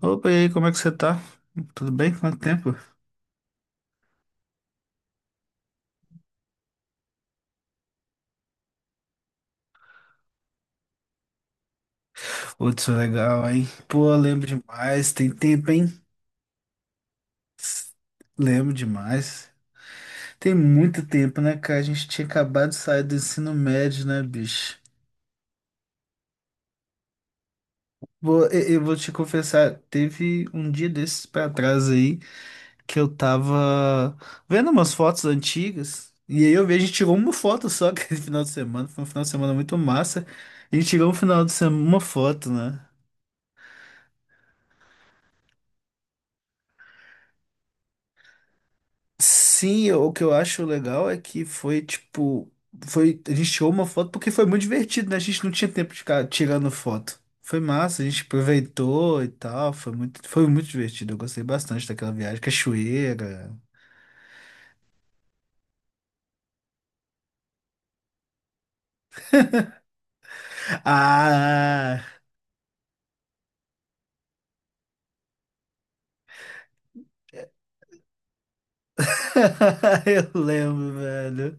Opa, e aí, como é que você tá? Tudo bem? Quanto tempo? Putz, legal, hein? Pô, eu lembro demais. Tem tempo, hein? Lembro demais. Tem muito tempo, né, cara? A gente tinha acabado de sair do ensino médio, né, bicho? Eu vou te confessar, teve um dia desses pra trás aí que eu tava vendo umas fotos antigas. E aí eu vi, a gente tirou uma foto só aquele final de semana. Foi um final de semana muito massa. A gente tirou um final de semana, uma foto, né? Sim, o que eu acho legal é que foi tipo. Foi, a gente tirou uma foto porque foi muito divertido, né? A gente não tinha tempo de ficar tirando foto. Foi massa, a gente aproveitou e tal. Foi muito divertido. Eu gostei bastante daquela viagem. Cachoeira. Ah! Eu lembro, velho.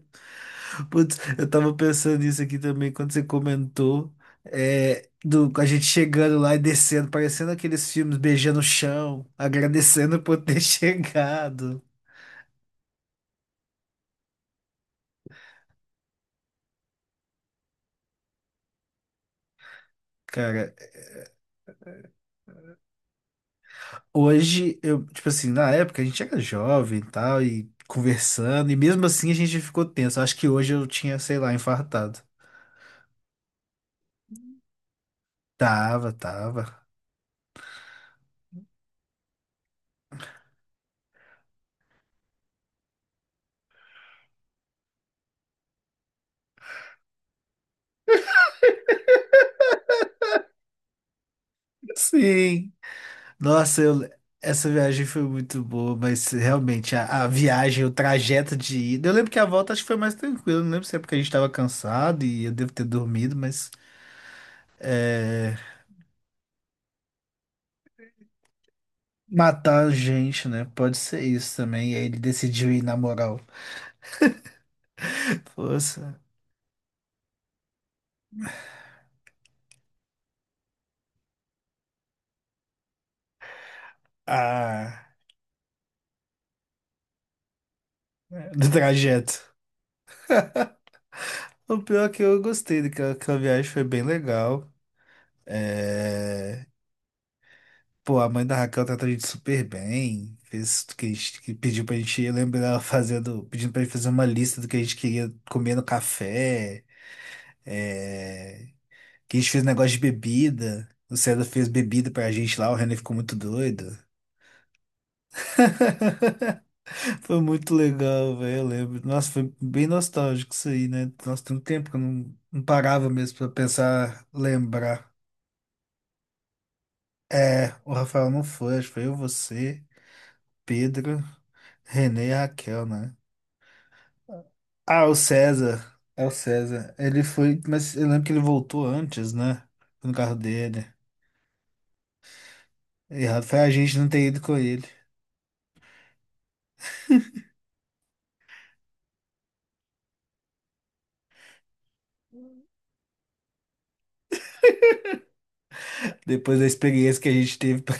Putz, eu tava pensando nisso aqui também quando você comentou. É, a gente chegando lá e descendo, parecendo aqueles filmes, beijando o chão, agradecendo por ter chegado. Cara, hoje eu, tipo assim, na época a gente era jovem e tal, e conversando, e mesmo assim a gente ficou tenso. Acho que hoje eu tinha, sei lá, infartado. Tava, tava. Sim. Nossa, essa viagem foi muito boa, mas realmente a viagem, o trajeto de ida. Eu lembro que a volta acho que foi mais tranquilo. Não lembro se é porque a gente tava cansado e eu devo ter dormido, mas é, matar a gente, né? Pode ser isso também. E aí ele decidiu ir na moral. Força. Ah. Do trajeto. O pior é que eu gostei daquela aquela viagem, foi bem legal. É. Pô, a mãe da Raquel tratou a gente super bem. Fez o que a gente que pediu pra gente ir. Eu lembro dela fazendo, pedindo pra gente fazer uma lista do que a gente queria comer no café. É. Que a gente fez negócio de bebida. O César fez bebida pra gente lá, o René ficou muito doido. Foi muito legal, velho. Eu lembro. Nossa, foi bem nostálgico isso aí, né? Nossa, tem um tempo que eu não parava mesmo pra pensar, lembrar. É, o Rafael não foi, acho que foi eu, você, Pedro, Renê e Raquel, né? Ah, o César. É o César. Ele foi, mas eu lembro que ele voltou antes, né? No carro dele. Errado foi a gente não ter ido com ele. Depois da experiência que a gente teve para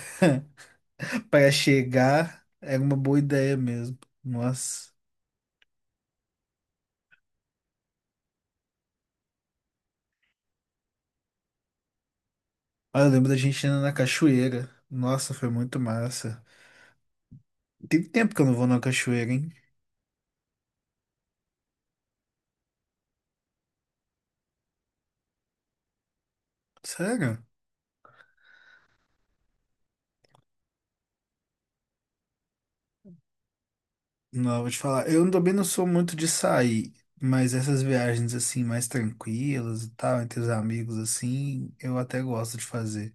pra chegar, era uma boa ideia mesmo. Nossa. Ah, eu lembro da gente indo na cachoeira. Nossa, foi muito massa. Tem tempo que eu não vou na cachoeira, hein? Sério? Não, vou te falar. Eu também não sou muito de sair, mas essas viagens assim, mais tranquilas e tal, entre os amigos, assim, eu até gosto de fazer.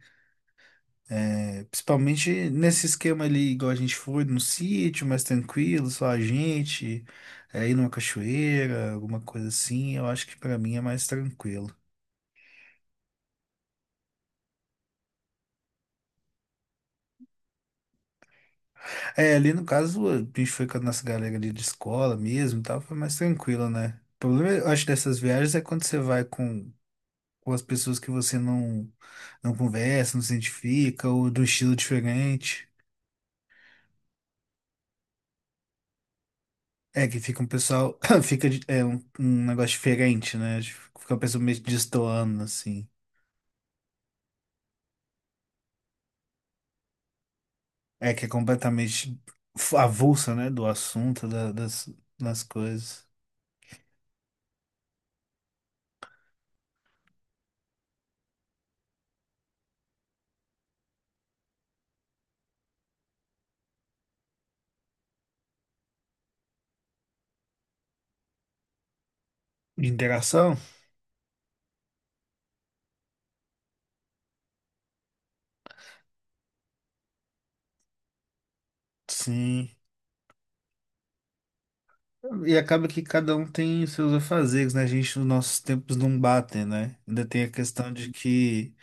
É, principalmente nesse esquema ali, igual a gente foi, num sítio mais tranquilo, só a gente, ir numa cachoeira, alguma coisa assim, eu acho que pra mim é mais tranquilo. É, ali no caso, a gente foi com a nossa galera ali de escola mesmo e tal, foi mais tranquilo, né? O problema, eu acho, dessas viagens é quando você vai com as pessoas que você não conversa, não se identifica, ou do estilo diferente. É, que fica um pessoal, fica um negócio diferente, né? Fica uma pessoa meio destoando, assim. É, que é completamente avulsa, né, do assunto, das coisas. De interação? Sim. E acaba que cada um tem os seus afazeres, né? Os nossos tempos não batem, né? Ainda tem a questão de que,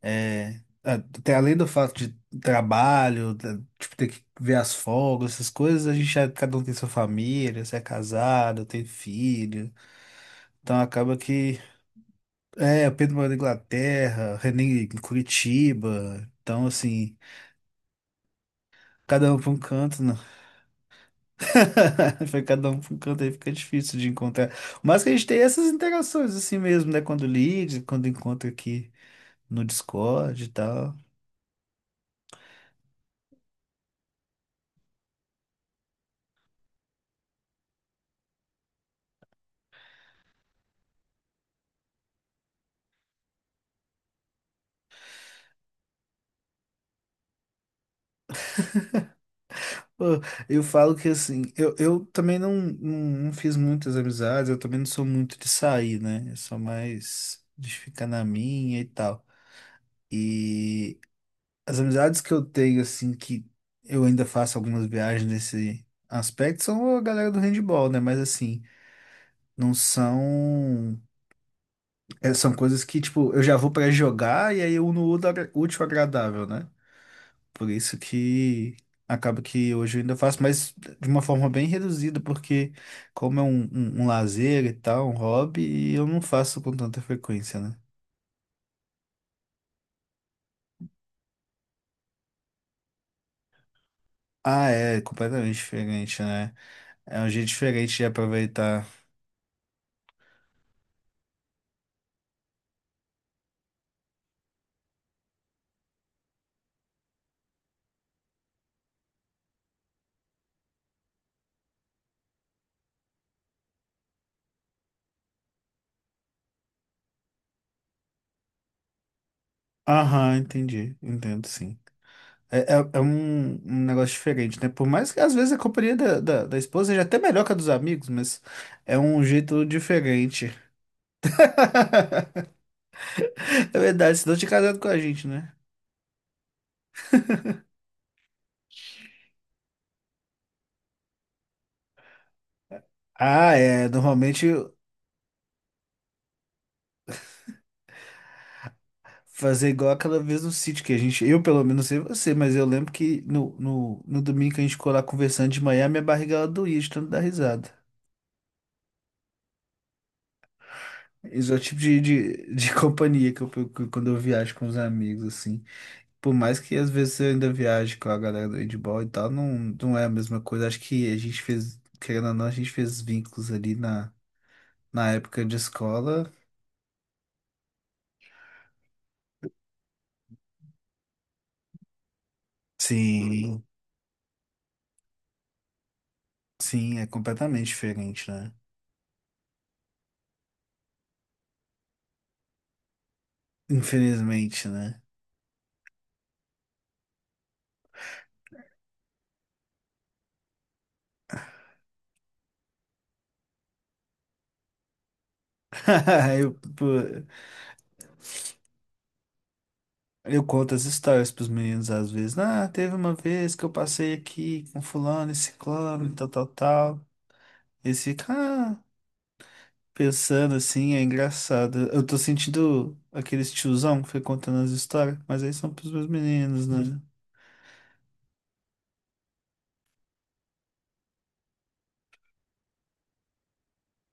até além do fato de trabalho, tipo, ter que ver as folgas, essas coisas, cada um tem sua família, você é casado, tem filho. Então acaba que, o Pedro mora na Inglaterra, o René em Curitiba. Então, assim, cada um para um canto, né? Foi cada um para um canto aí, fica difícil de encontrar. Mas que a gente tem essas interações assim mesmo, né? Quando liga, quando encontra aqui no Discord e tal. Pô, eu falo que assim, eu também não fiz muitas amizades, eu também não sou muito de sair, né? Eu sou mais de ficar na minha e tal. E as amizades que eu tenho, assim, que eu ainda faço algumas viagens nesse aspecto, são a galera do handball, né? Mas assim, não são. É, são coisas que, tipo, eu já vou pra jogar e aí eu uno o útil útil ao agradável, né? Por isso que acaba que hoje eu ainda faço, mas de uma forma bem reduzida, porque como é um lazer e tal, um hobby, eu não faço com tanta frequência, né? Ah, é completamente diferente, né? É um jeito diferente de aproveitar. Aham, entendi. Entendo, sim. É um negócio diferente, né? Por mais que às vezes a companhia da esposa seja até melhor que a dos amigos, mas é um jeito diferente. É verdade, senão tinha casado com a gente, né? Ah, é. Normalmente fazer igual aquela vez no sítio que a gente. Eu, pelo menos, não sei você, mas eu lembro que no domingo que a gente ficou lá conversando de manhã, minha barriga ela doía de tanto dar risada. Isso é o tipo de companhia que eu procuro quando eu viajo com os amigos, assim. Por mais que às vezes eu ainda viaje com a galera do handball e tal, não é a mesma coisa. Acho que a gente fez, querendo ou não, a gente fez vínculos ali na época de escola. Sim, sim, é completamente diferente, né? Infelizmente, né? Pô, eu conto as histórias pros meninos às vezes. Ah, teve uma vez que eu passei aqui com fulano e ciclano, e tal, tal, tal. Eles ficam, pensando assim, é engraçado. Eu tô sentindo aqueles tiozão que foi contando as histórias, mas aí são pros meus meninos, né?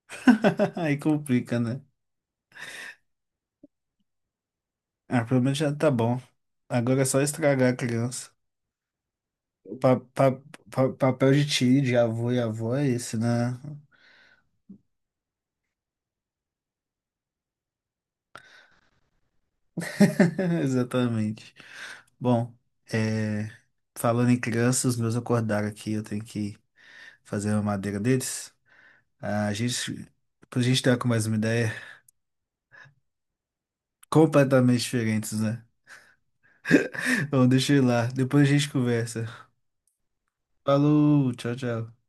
Aí complica, né? Ah, pelo menos já tá bom. Agora é só estragar a criança. O papel de tio, de avô e avó é esse, né? Exatamente. Bom, é, falando em crianças, os meus acordaram aqui, eu tenho que fazer a madeira deles. A gente, Pra gente estar com mais uma ideia, completamente diferentes, né? Bom, deixa eu ir lá, depois a gente conversa. Falou, tchau, tchau.